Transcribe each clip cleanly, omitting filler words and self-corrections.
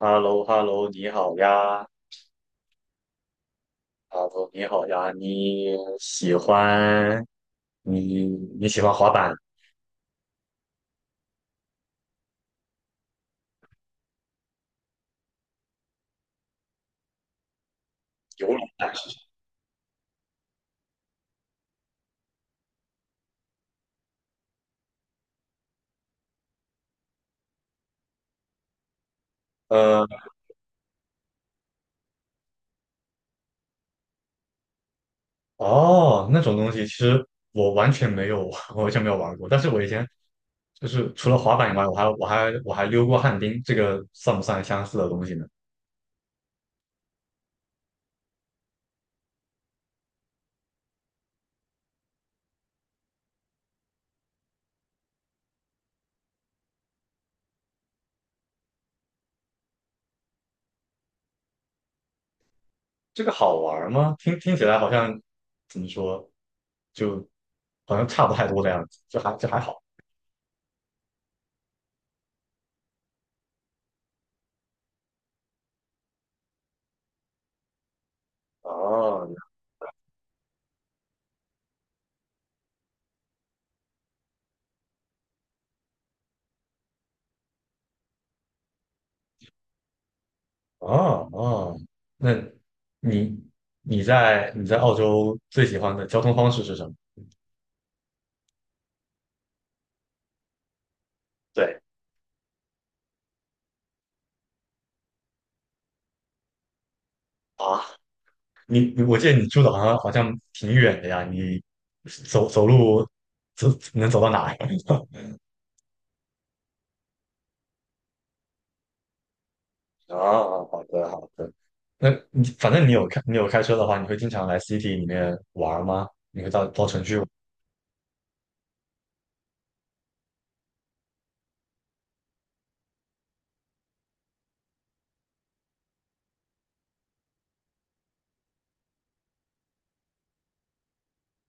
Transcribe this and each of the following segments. h e l l o h e l l o 你好呀。 h e 你好呀，你喜欢你你喜欢滑板、游泳？呃，哦，那种东西其实我完全没有，我完全没有玩过。但是我以前就是除了滑板以外，我还溜过旱冰，这个算不算相似的东西呢？这个好玩吗？听起来好像怎么说，就好像差不太多的样子，就还好。哦。哦哦，那你你在澳洲最喜欢的交通方式是什么？对啊，你我记得你住的好像挺远的呀，你走路走能走到哪呀？啊，好的好的。那你反正你有开车的话，你会经常来 city 里面玩吗？你会到城区玩？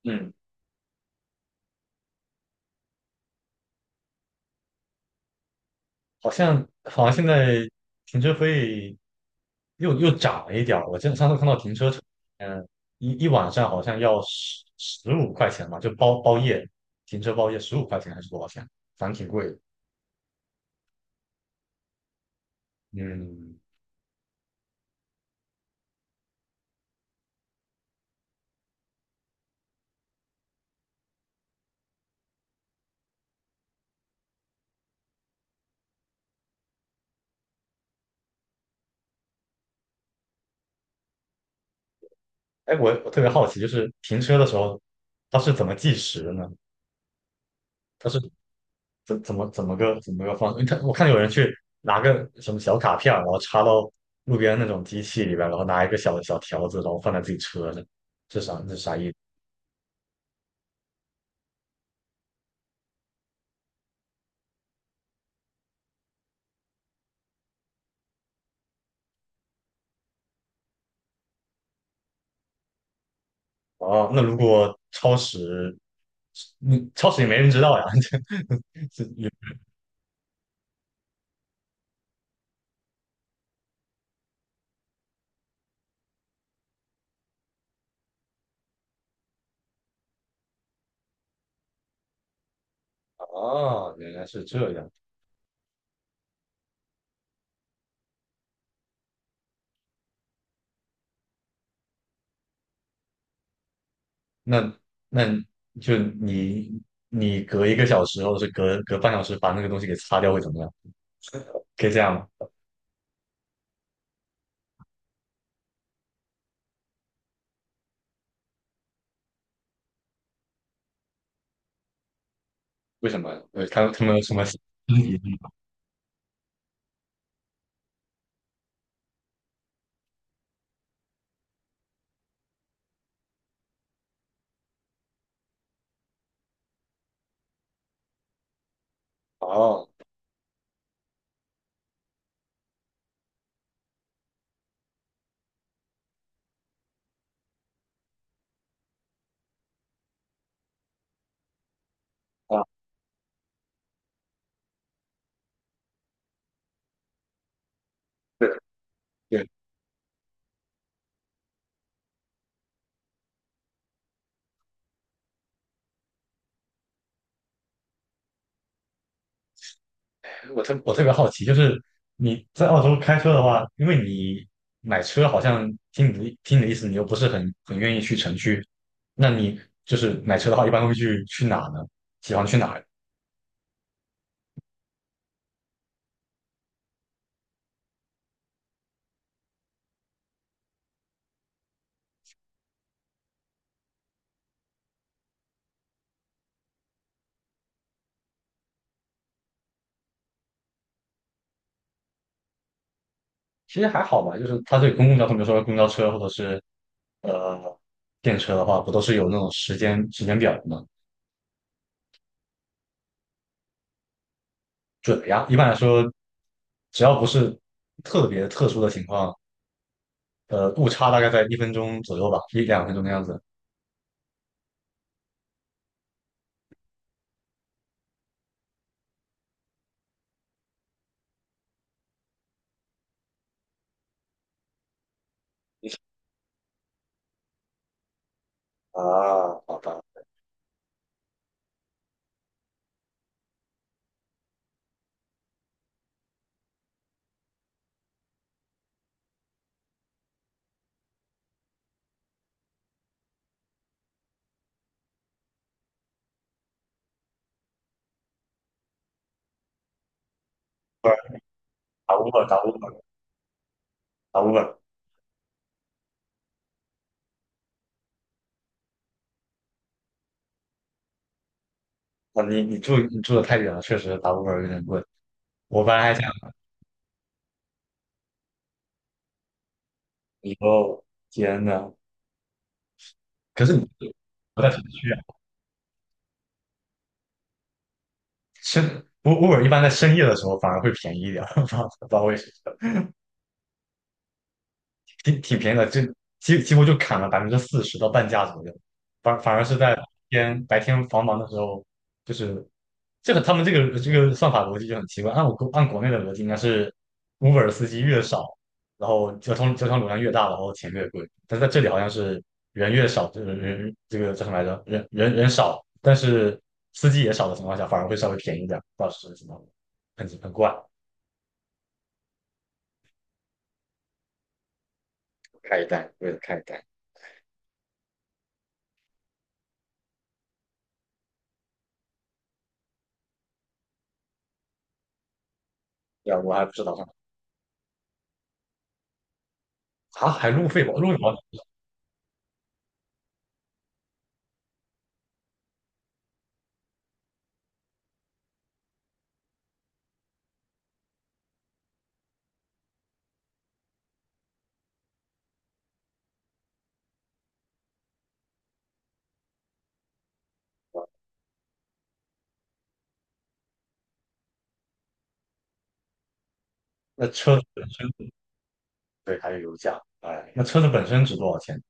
嗯。好像现在停车费又涨了一点儿。我真得上次看到停车场，嗯，一晚上好像要十五块钱吧，就包夜停车包夜十五块钱还是多少钱，反正挺贵的。嗯。哎，我特别好奇，就是停车的时候它是怎么计时的呢？它是怎么个方式？因为它我看有人去拿个什么小卡片儿，然后插到路边那种机器里边，然后拿一个小小条子，然后放在自己车上，这啥意思？哦，那如果超时，嗯，超时也没人知道呀。这也。哦，原来是这样。那那就你隔一个小时或者是隔半小时把那个东西给擦掉会怎么样？可以这样吗？为什么？他们有什么？哦。啊，对。我特别好奇，就是你在澳洲开车的话，因为你买车好像听你的意思，你又不是很愿意去城区，那你就是买车的话，一般会去哪呢？喜欢去哪儿？其实还好吧，就是它对公共交通，比如说公交车或者是呃电车的话，不都是有那种时间表的吗？准的呀。一般来说，只要不是特别特殊的情况，误差大概在一分钟左右吧，一两分钟的样子。啊，好吧。打 Uber, 打 Uber, 打 Uber。 啊！你住的太远了，确实打 Uber 有点贵。我本来还想以后，天呐，可是你不在城区啊，深 Uber 一般在深夜的时候反而会便宜一点，不知道为什么。挺便宜的，就几乎就砍了百分之四十到半价左右，反而是在白天繁忙的时候，就是这个他们这个算法逻辑就很奇怪，按我国按国内的逻辑应该是，Uber 司机越少，然后交通流量越大，然后钱越贵，但是在这里好像是人越少，这个人这个叫什么来着？人少，但是司机也少的情况下，反而会稍微便宜一点，不知道是什么，很怪，开一单，为了开一单。对啊，我还不知道啊，还路费保路费保那车。对，还有油价，哎，那车子本身值多少钱？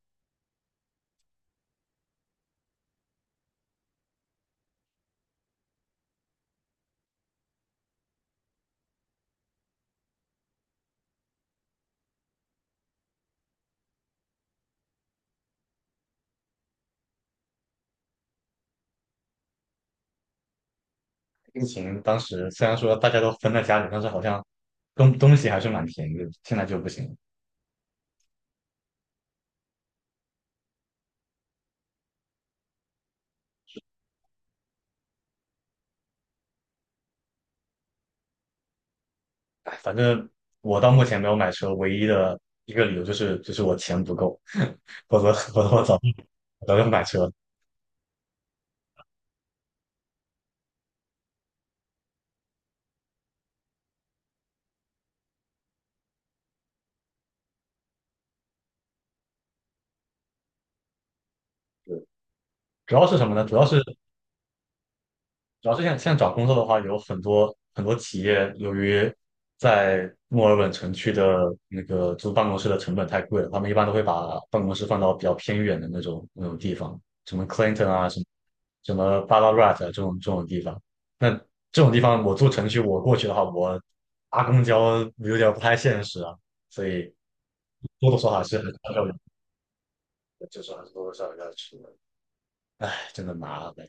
疫情当时虽然说大家都分在家里，但是好像东西还是蛮便宜的，现在就不行了。哎，反正我到目前没有买车，唯一的一个理由就是我钱不够，否则我早就买车了。主要是什么呢？主要是像在找工作的话，有很多企业由于在墨尔本城区的那个租办公室的成本太贵了，他们一般都会把办公室放到比较偏远的那种地方，什么 Clinton 啊，什么 Ballarat 啊这种地方。那这种地方我住城区，我过去的话，我搭公交有点不太现实啊，所以多多少少还是要有，就是还是多多少少要去的。唉，真的麻烦。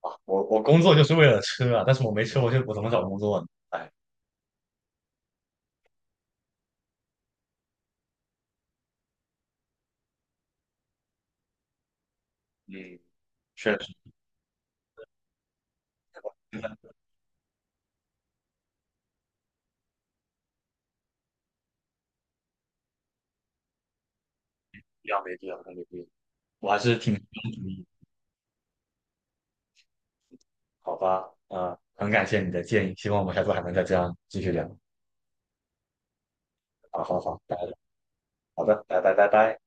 啊，我工作就是为了吃啊，但是我没吃，我就我怎么找工作呢？哎，嗯，确实，真的没必要没必要，真的没必要。我还是挺实用主义。好吧？啊、很感谢你的建议，希望我们下次还能再这样继续聊。好好好，拜拜。好的，拜拜拜拜。